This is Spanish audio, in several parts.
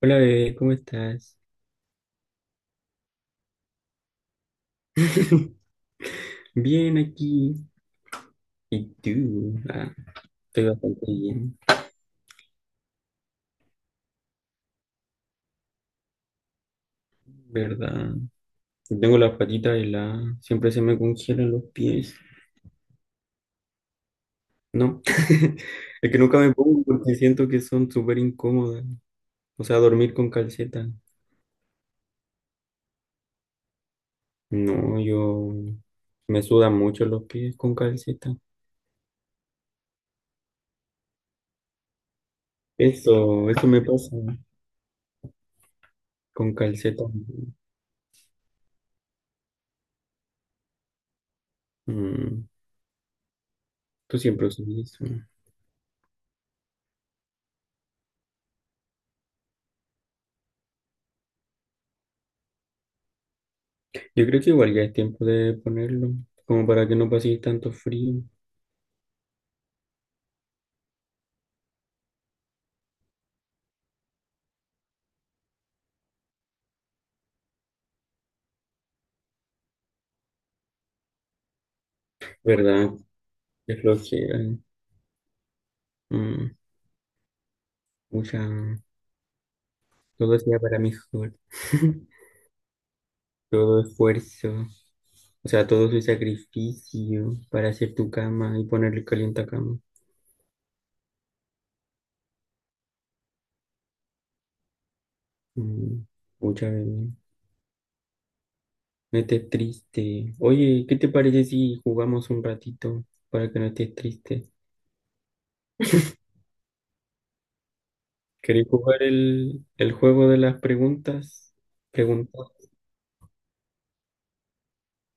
Hola bebé, ¿cómo estás? Bien aquí. ¿Y tú? Ah, estoy bastante bien, ¿verdad? Tengo las patitas heladas, siempre se me congelan los pies. No, es que nunca me pongo porque siento que son súper incómodas. O sea, dormir con calceta. No, yo me sudan mucho los pies con calceta. Eso me pasa con calceta. Mm, tú siempre usas eso. Yo creo que igual ya es tiempo de ponerlo, como para que no pase tanto frío, ¿verdad? Qué flojera. Mm, mucha... Todo sea para mejor. Todo esfuerzo. O sea, todo su sacrificio para hacer tu cama y ponerle caliente a cama. Mm, mucha bebé. No estés triste. Oye, ¿qué te parece si jugamos un ratito para que no estés triste? ¿Querés jugar el juego de las preguntas? Preguntas.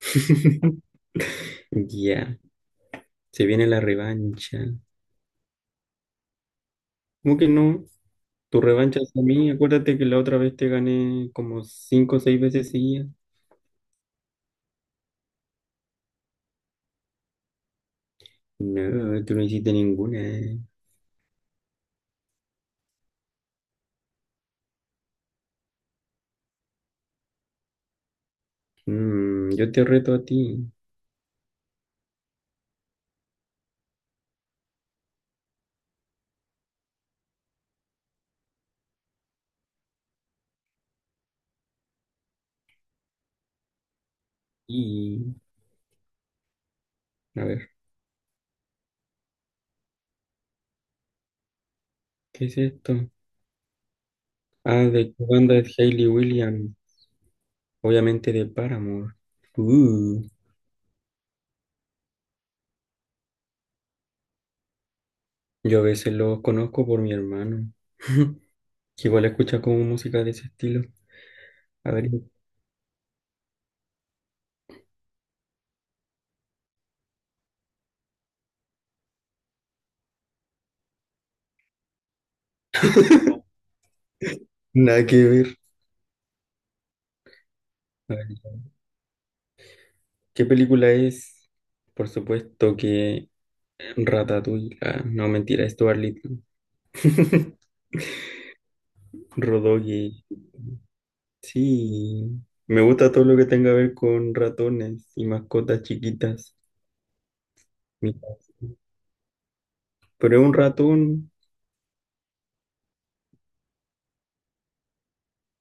Ya. Se viene la revancha. ¿Cómo que no? Tu revancha es a mí. Acuérdate que la otra vez te gané como cinco o seis veces seguidas. No, tú no hiciste ninguna. Yo te reto a ti. Y, a ver, ¿qué es esto? Ah, ¿de qué banda es Hayley Williams? Obviamente de Paramore. Uh, yo a veces los conozco por mi hermano, que igual escucha como música de ese estilo. A ver, nada que ver. A ver, ¿qué película es? Por supuesto que Ratatouille. Ah, no, mentira, Stuart Little. Rodogi. Sí, me gusta todo lo que tenga que ver con ratones y mascotas chiquitas. Casa. Pero es un ratón,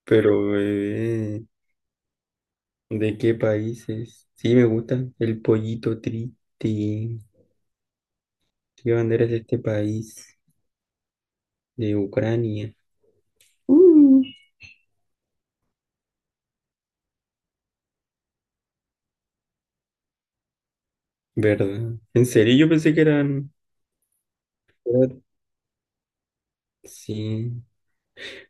pero ¿de qué países? Sí, me gusta. El pollito triste. ¿Qué bandera es de este país? De Ucrania. Uh. ¿Verdad? ¿En serio? Yo pensé que eran... era- Sí.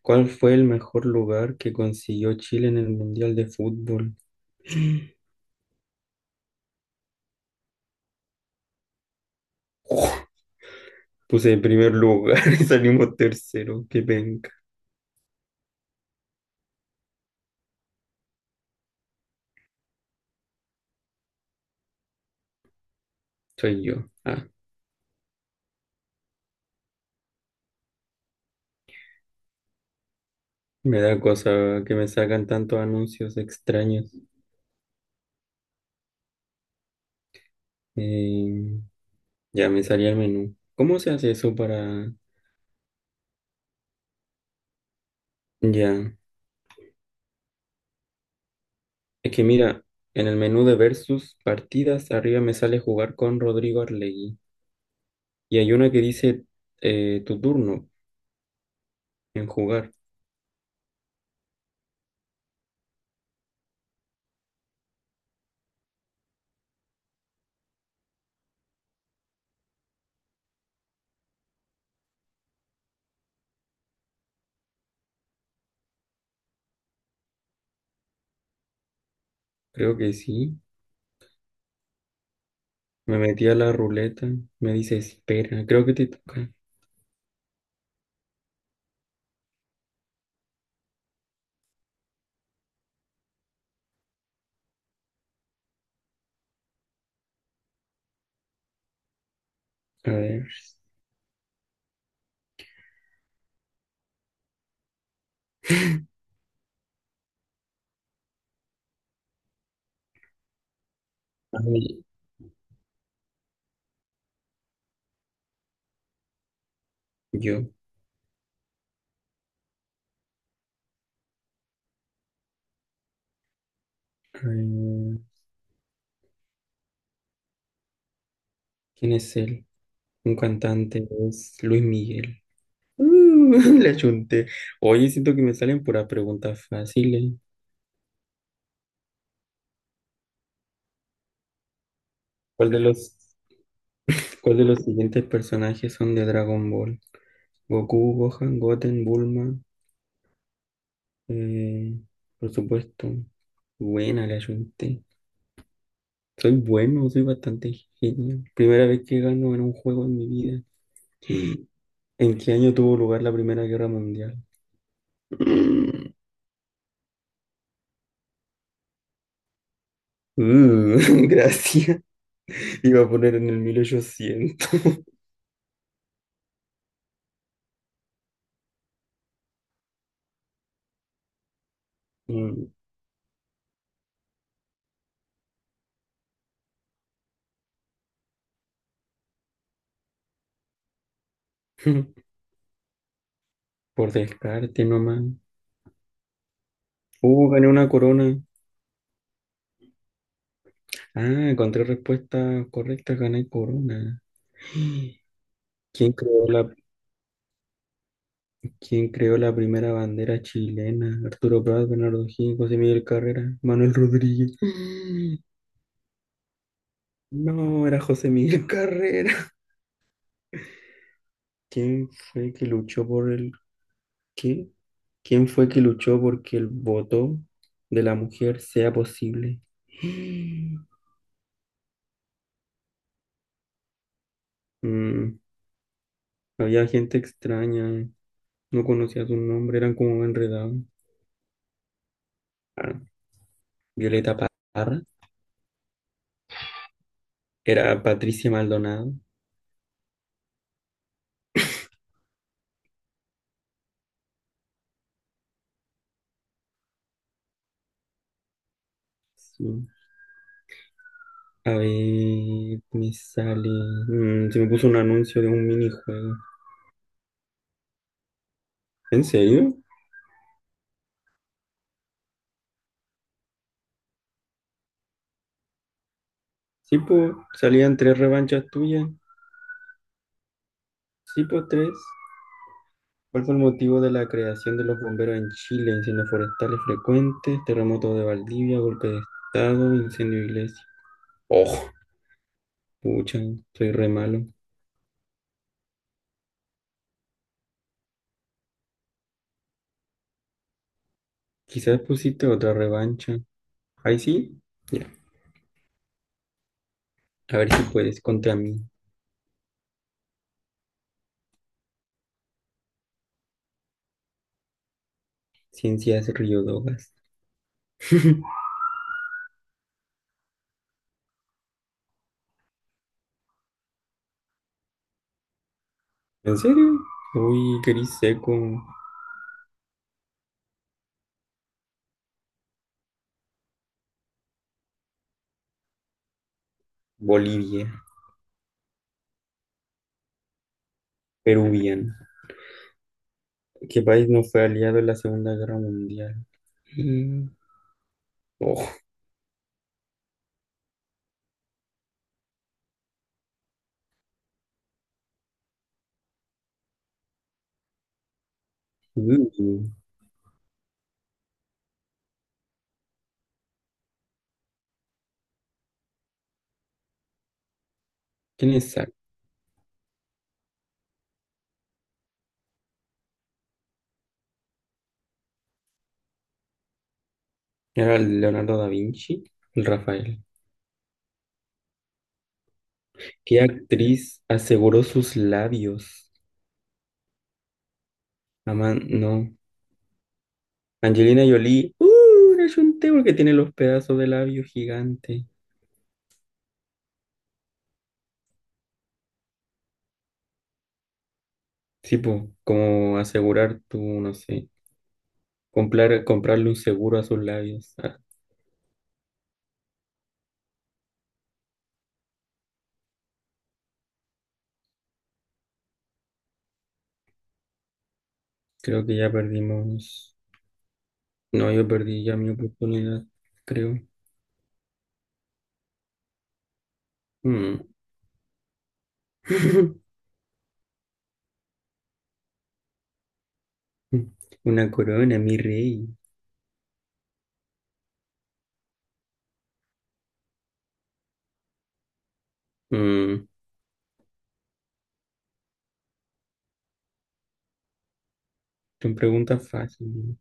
¿Cuál fue el mejor lugar que consiguió Chile en el Mundial de Fútbol? Uf, puse en primer lugar y salimos tercero. Qué penca. Soy yo. Ah, me da cosa que me sacan tantos anuncios extraños. Eh, ya me salía el menú. ¿Cómo se hace eso para...? Ya. Es que mira, en el menú de versus partidas, arriba me sale jugar con Rodrigo Arlegui. Y hay una que dice tu turno en jugar. Creo que sí. Me metí a la ruleta, me dice, espera, creo que te toca. A ver, ay, yo. Ay, ¿quién es él? Un cantante, es Luis Miguel. Uh, la chunté. Oye, siento que me salen puras preguntas fáciles. ¿Cuál de los, cuál de los siguientes personajes son de Dragon Ball? Goku, Gohan, Goten, Bulma. eh, por supuesto. Buena, le chunté. Soy bueno, soy bastante genio. Primera vez que gano en un juego en mi vida. ¿En qué año tuvo lugar la Primera Guerra Mundial? Mm, mm, Gracias. Iba a poner en el 1800. Mm, Por descarte nomás. Gané una corona. Ah, encontré respuesta correcta, gané corona. ¿Quién creó la, quién creó la primera bandera chilena? Arturo Prat, Bernardo O'Higgins, José Miguel Carrera, Manuel Rodríguez. No, era José Miguel Carrera. ¿Quién fue que luchó por el qué? ¿Quién fue que luchó porque el voto de la mujer sea posible? Mm, había gente extraña. No conocía su nombre, eran como enredados. Ah, Violeta Parra, era Patricia Maldonado. Sí. A ver, me sale. Se me puso un anuncio de un minijuego. ¿En serio? Sí, pues, salían tres revanchas tuyas. Sí, pues, tres. ¿Cuál fue el motivo de la creación de los bomberos en Chile? Incendios forestales frecuentes, terremoto de Valdivia, golpe de estado, incendio de iglesia. Oh, pucha, soy re malo. Quizás pusiste otra revancha. ¿Ahí sí? Ya. A ver si puedes contra mí. Ciencias Riodogas. ¿En serio? Uy, gris seco. Bolivia. Peruviano. ¿Qué país no fue aliado en la Segunda Guerra Mundial? Mm. Oh, mm. ¿Quién es Zac? Era el Leonardo da Vinci, el Rafael. ¿Qué actriz aseguró sus labios? Aman, no. Angelina Jolie. ¡Uh! Le ayunté porque tiene los pedazos de labio gigante. Sí, po, como asegurar tu, no sé, comprarle un seguro a sus labios. Ah, creo que ya perdimos. No, yo perdí ya mi oportunidad, creo. Mm. Una corona, mi rey. Mm, Son preguntas fáciles.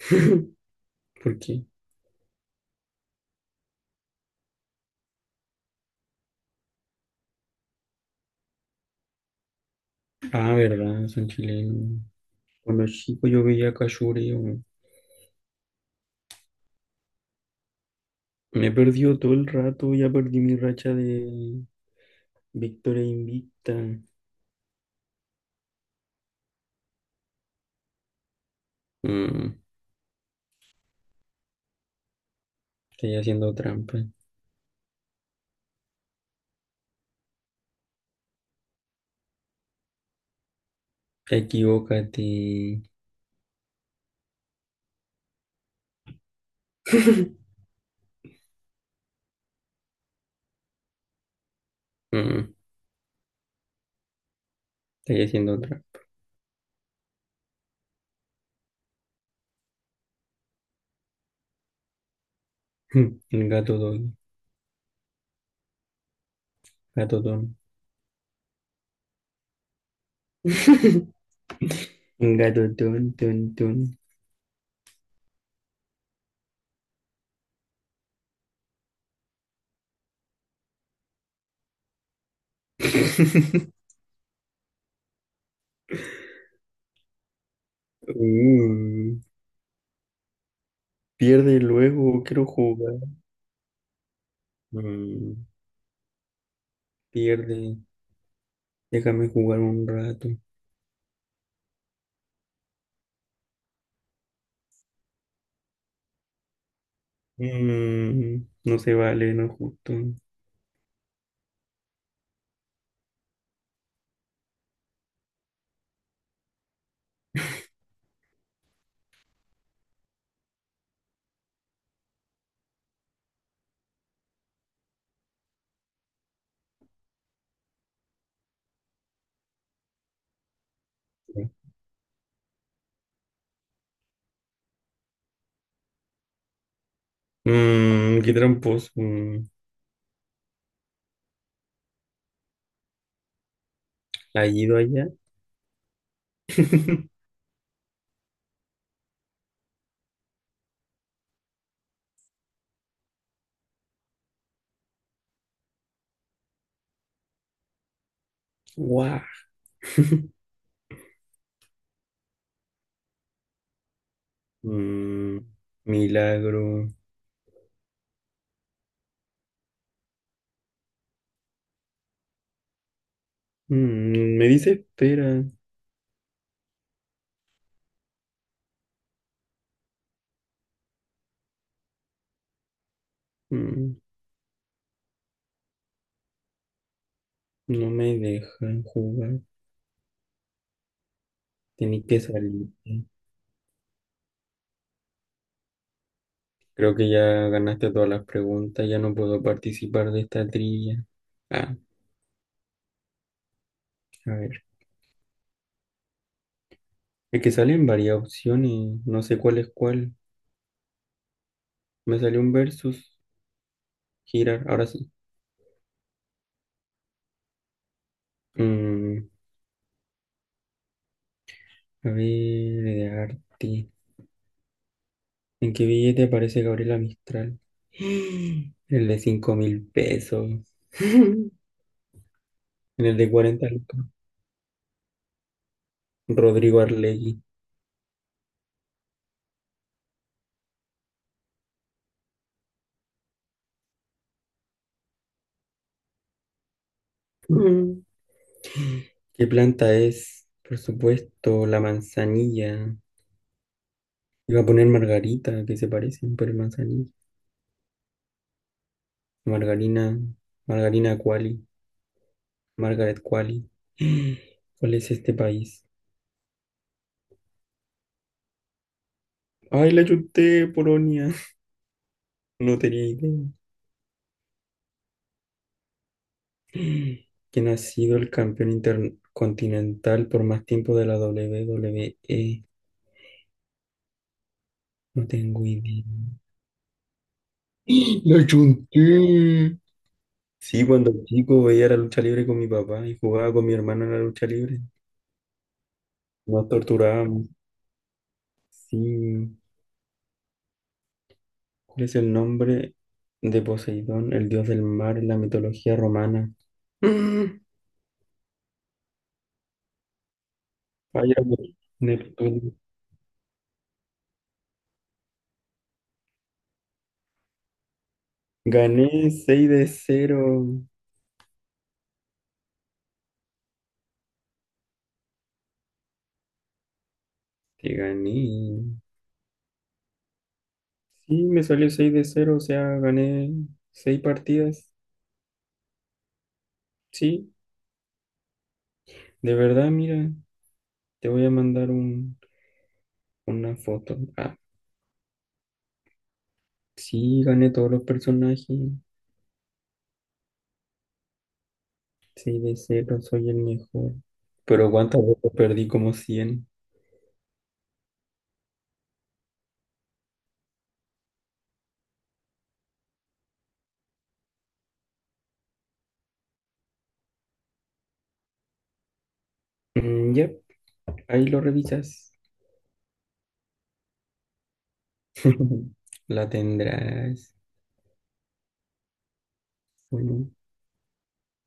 ¿Por qué? Ah, verdad, son chilenos. Cuando chico yo veía Cachuri, weón. Me perdió todo el rato, ya perdí mi racha de victoria invicta. Mm, Estoy haciendo trampa. Equivócate. Mm, Estoy haciendo trampa. Gato don, gato don, gato don, don, don. Mm, Pierde luego, quiero jugar. Mm, Pierde, déjame jugar un rato. Mm, no se vale, no es justo. Qué tramposo. ¿Ha ido allá? Guau. Mm, Milagro. Me dice espera. Mm, no me dejan jugar. Tenés que salir. Creo que ya ganaste todas las preguntas. Ya no puedo participar de esta trilla. Ah, a ver. Es que salen varias opciones. No sé cuál es cuál. Me salió un versus. Girar. Ahora sí. Mm, A ver, de arte. ¿En qué billete aparece Gabriela Mistral? En el de $5.000. En el de 40 lucas. Rodrigo Arlegui. ¿Qué planta es? Por supuesto, la manzanilla. Iba a poner margarita, que se parecen, pero es manzanilla. Margarina, Margarina Quali, Margaret Quali. ¿Cuál es este país? Ay, la chuté, Polonia. No tenía idea. ¿Quién ha sido el campeón intercontinental por más tiempo de la WWE? No tengo idea. Lo chunté. Sí, cuando chico veía la lucha libre con mi papá y jugaba con mi hermano en la lucha libre. Nos torturábamos. Sí. ¿Cuál es el nombre de Poseidón, el dios del mar en la mitología romana? Mm. Ay, era Neptuno. Gané 6-0. Te gané. Sí, me salió 6-0, o sea, gané 6 partidas. Sí, de verdad, mira, te voy a mandar un, una foto. Ah, sí, gané todos los personajes. 6 de cero soy el mejor. Pero cuántas veces perdí como cien. Ya, ahí lo revisas. La tendrás. Bueno,